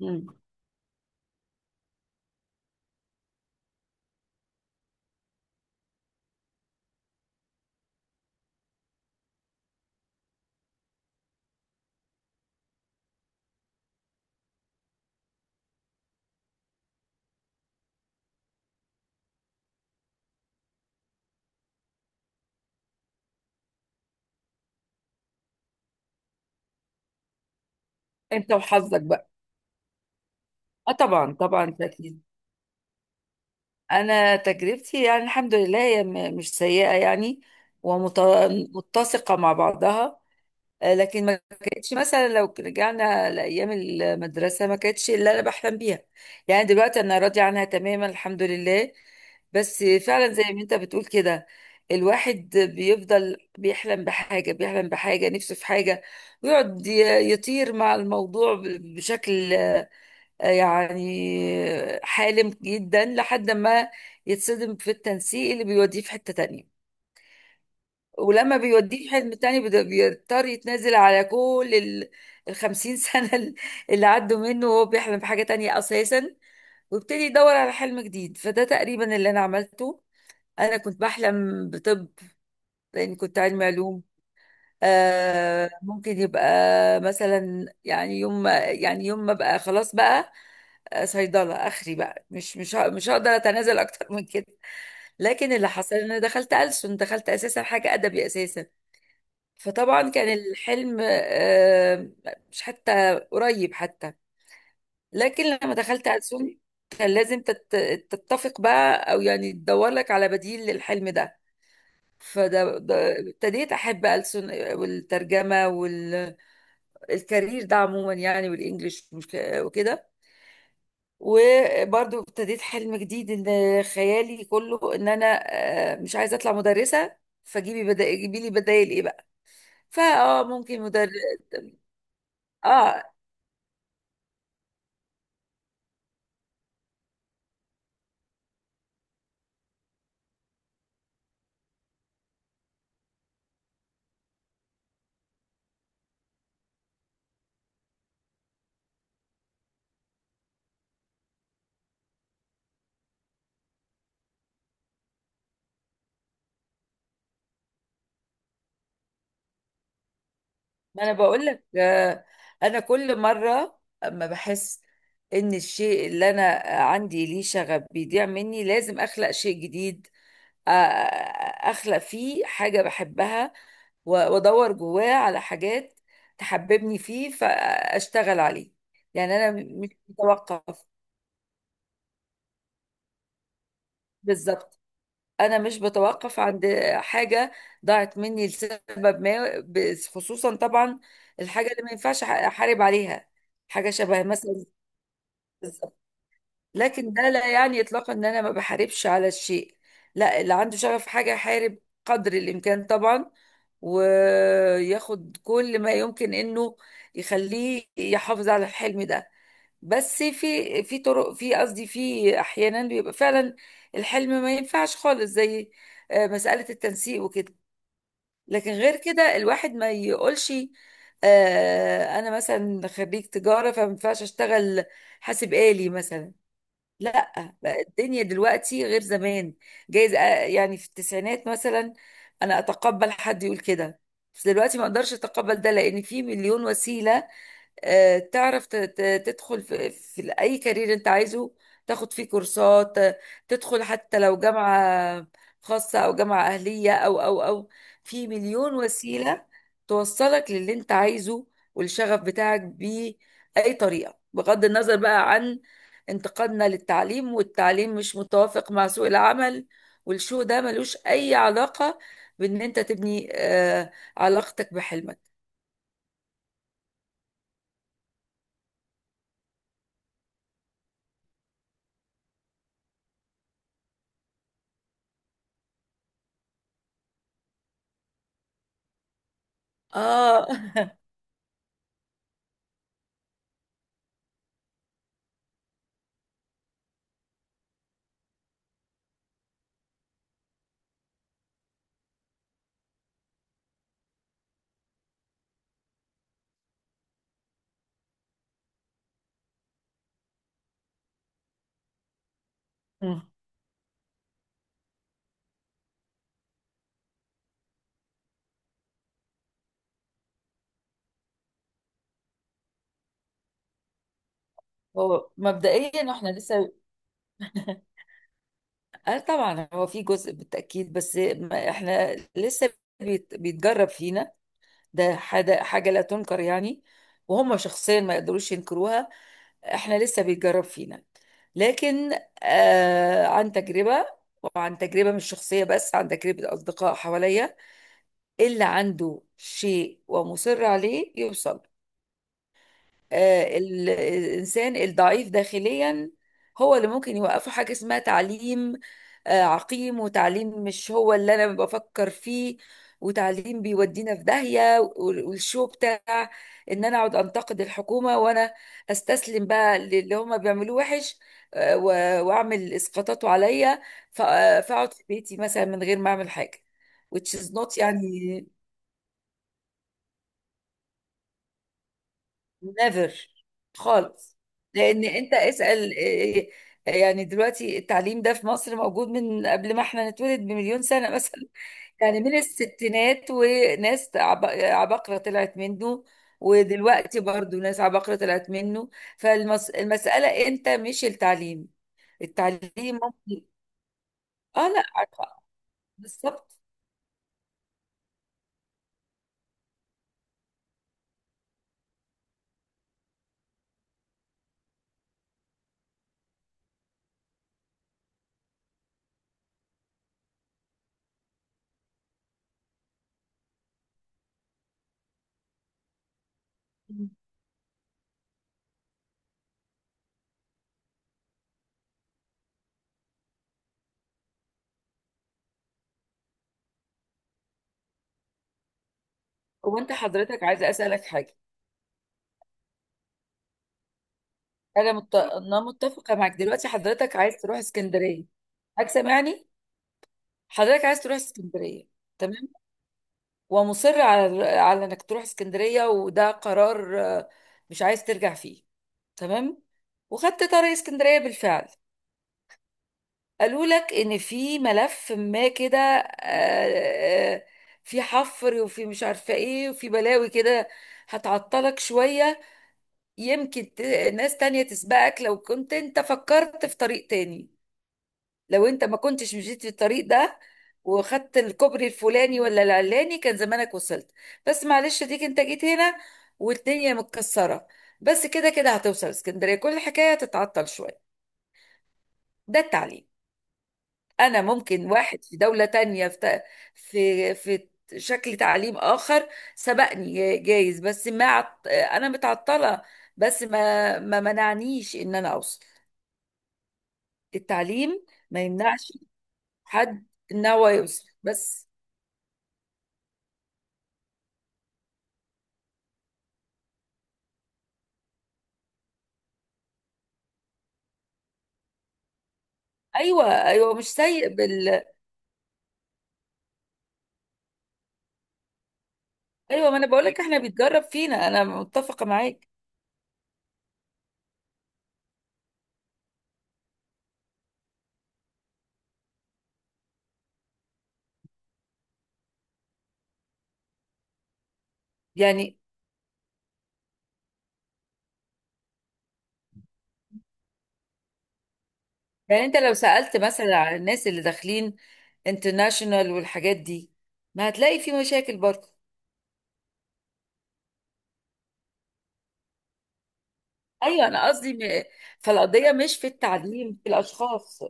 مم. انت وحظك بقى. اه، طبعا طبعا اكيد. انا تجربتي يعني الحمد لله هي مش سيئه يعني، ومتسقه مع بعضها. لكن ما كانتش مثلا لو رجعنا لايام المدرسه ما كانتش اللي انا بحلم بيها. يعني دلوقتي انا راضيه عنها تماما الحمد لله. بس فعلا زي ما انت بتقول كده، الواحد بيفضل بيحلم بحاجه نفسه في حاجه، ويقعد يطير مع الموضوع بشكل يعني حالم جدا لحد ما يتصدم في التنسيق اللي بيوديه في حتة تانية. ولما بيوديه في حتة تانية بيضطر يتنازل على كل الخمسين سنة اللي عدوا منه وهو بيحلم بحاجة تانية أساسا، وابتدي يدور على حلم جديد. فده تقريبا اللي أنا عملته. أنا كنت بحلم بطب لأني كنت علمي علوم. ممكن يبقى مثلا، يعني يوم ما بقى خلاص بقى، صيدلة آخري بقى، مش هقدر أتنازل أكتر من كده. لكن اللي حصل إن أنا دخلت ألسن، دخلت أساسا حاجة أدبي أساسا. فطبعا كان الحلم مش حتى قريب حتى. لكن لما دخلت ألسن كان لازم تتفق بقى، أو يعني تدور لك على بديل للحلم ده. فده ابتديت أحب ألسن والترجمة الكارير ده عموما، يعني والانجليش مش وكده. وبرضو ابتديت حلم جديد، ان خيالي كله ان انا مش عايزه اطلع مدرسه، فجيبي بدا جيبي لي بدايل ايه بقى، فاه ممكن مدرس. اه، ما انا بقول لك انا كل مره اما بحس ان الشيء اللي انا عندي ليه شغف بيضيع مني، لازم اخلق شيء جديد، آ- اخلق فيه حاجة بحبها، وادور جواه على حاجات تحببني فيه فاشتغل عليه. يعني انا مش بتوقف. بالظبط، انا مش بتوقف عند حاجة ضاعت مني لسبب ما، خصوصا طبعا الحاجة اللي ما ينفعش احارب عليها، حاجة شبه مثلا. لكن ده لا يعني اطلاقا ان انا ما بحاربش على الشيء. لا، اللي عنده شغف في حاجه يحارب قدر الامكان طبعا، وياخد كل ما يمكن انه يخليه يحافظ على الحلم ده. بس في طرق، في قصدي، في احيانا بيبقى فعلا الحلم ما ينفعش خالص، زي مساله التنسيق وكده. لكن غير كده الواحد ما يقولش انا مثلا خريج تجاره فما ينفعش اشتغل حاسب آلي مثلا. لا بقى الدنيا دلوقتي غير زمان، جايز يعني في التسعينات مثلا انا اتقبل حد يقول كده، بس دلوقتي ما اقدرش اتقبل ده لان في مليون وسيله تعرف تدخل في أي كارير أنت عايزه، تاخد فيه كورسات، تدخل حتى لو جامعة خاصة أو جامعة أهلية أو في مليون وسيلة توصلك للي أنت عايزه والشغف بتاعك بأي طريقة، بغض النظر بقى عن انتقادنا للتعليم والتعليم مش متوافق مع سوق العمل والشو ده، ملوش أي علاقة بإن أنت تبني علاقتك بحلمك. آه. هو مبدئيا احنا لسه. اه، طبعا هو في جزء بالتأكيد، بس ما احنا لسه بيتجرب فينا. ده حاجة لا تنكر يعني، وهم شخصيا ما يقدروش ينكروها. احنا لسه بيتجرب فينا. لكن عن تجربة، وعن تجربة مش شخصية بس عن تجربة أصدقاء حواليا، اللي عنده شيء ومصر عليه يوصل. الإنسان الضعيف داخليا هو اللي ممكن يوقفه حاجة اسمها تعليم عقيم، وتعليم مش هو اللي أنا بفكر فيه، وتعليم بيودينا في داهية والشو بتاع إن أنا أقعد أنتقد الحكومة وأنا أستسلم بقى للي هما بيعملوه وحش، وأعمل إسقاطاته عليا، فأقعد في بيتي مثلا من غير ما أعمل حاجة، which is not يعني نيفر خالص. لان انت اسأل إيه، يعني دلوقتي التعليم ده في مصر موجود من قبل ما احنا نتولد بمليون سنة مثلا. يعني من الستينات وناس عباقرة طلعت منه، ودلوقتي برضو ناس عباقرة طلعت منه. فالمسألة انت، مش التعليم. التعليم ممكن، اه، لا عارفة، بالظبط. هو انت حضرتك عايزة اسألك حاجة. انا متفقة معك. دلوقتي حضرتك عايز تروح اسكندرية. حضرتك سامعني؟ حضرتك عايز تروح اسكندرية، تمام، ومصر على انك تروح اسكندرية، وده قرار مش عايز ترجع فيه، تمام. وخدت طريق اسكندرية بالفعل، قالوا لك ان في ملف ما كده، في حفر، وفي مش عارفة ايه، وفي بلاوي كده هتعطلك شوية، يمكن ناس تانية تسبقك لو كنت انت فكرت في طريق تاني. لو انت ما كنتش مشيت في الطريق ده، وخدت الكوبري الفلاني ولا العلاني، كان زمانك وصلت. بس معلش، ديك انت جيت هنا والدنيا متكسرة، بس كده كده هتوصل اسكندرية، كل الحكاية تتعطل شوية. ده التعليم. انا ممكن واحد في دولة تانية في ت- في في شكل تعليم اخر سبقني، جايز، بس ما عط... انا متعطلة، بس ما منعنيش ان انا اوصل. التعليم ما يمنعش حد ان هو يوصل، بس. ايوه، ايوه، مش سيء ايوه، ما انا بقول لك احنا بيتجرب فينا، انا متفقه معاك. يعني يعني انت لو سالت مثلا على الناس اللي داخلين انترناشونال والحاجات دي، ما هتلاقي في مشاكل برضه. ايوه، انا قصدي فالقضيه مش في التعليم، في الاشخاص.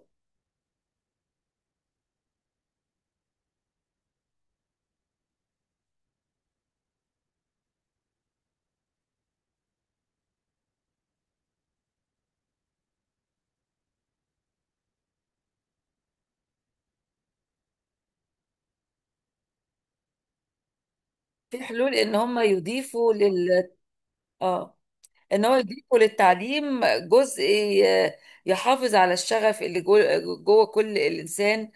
في حلول ان هم يضيفوا لل اه ان هو يضيفوا للتعليم جزء يحافظ على الشغف اللي جوه كل الانسان،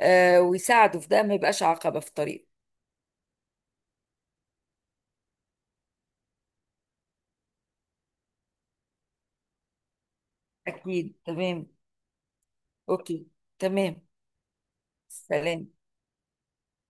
ويساعده في ده، ما يبقاش عقبه في طريقه. أكيد، تمام. أوكي. تمام. سلام.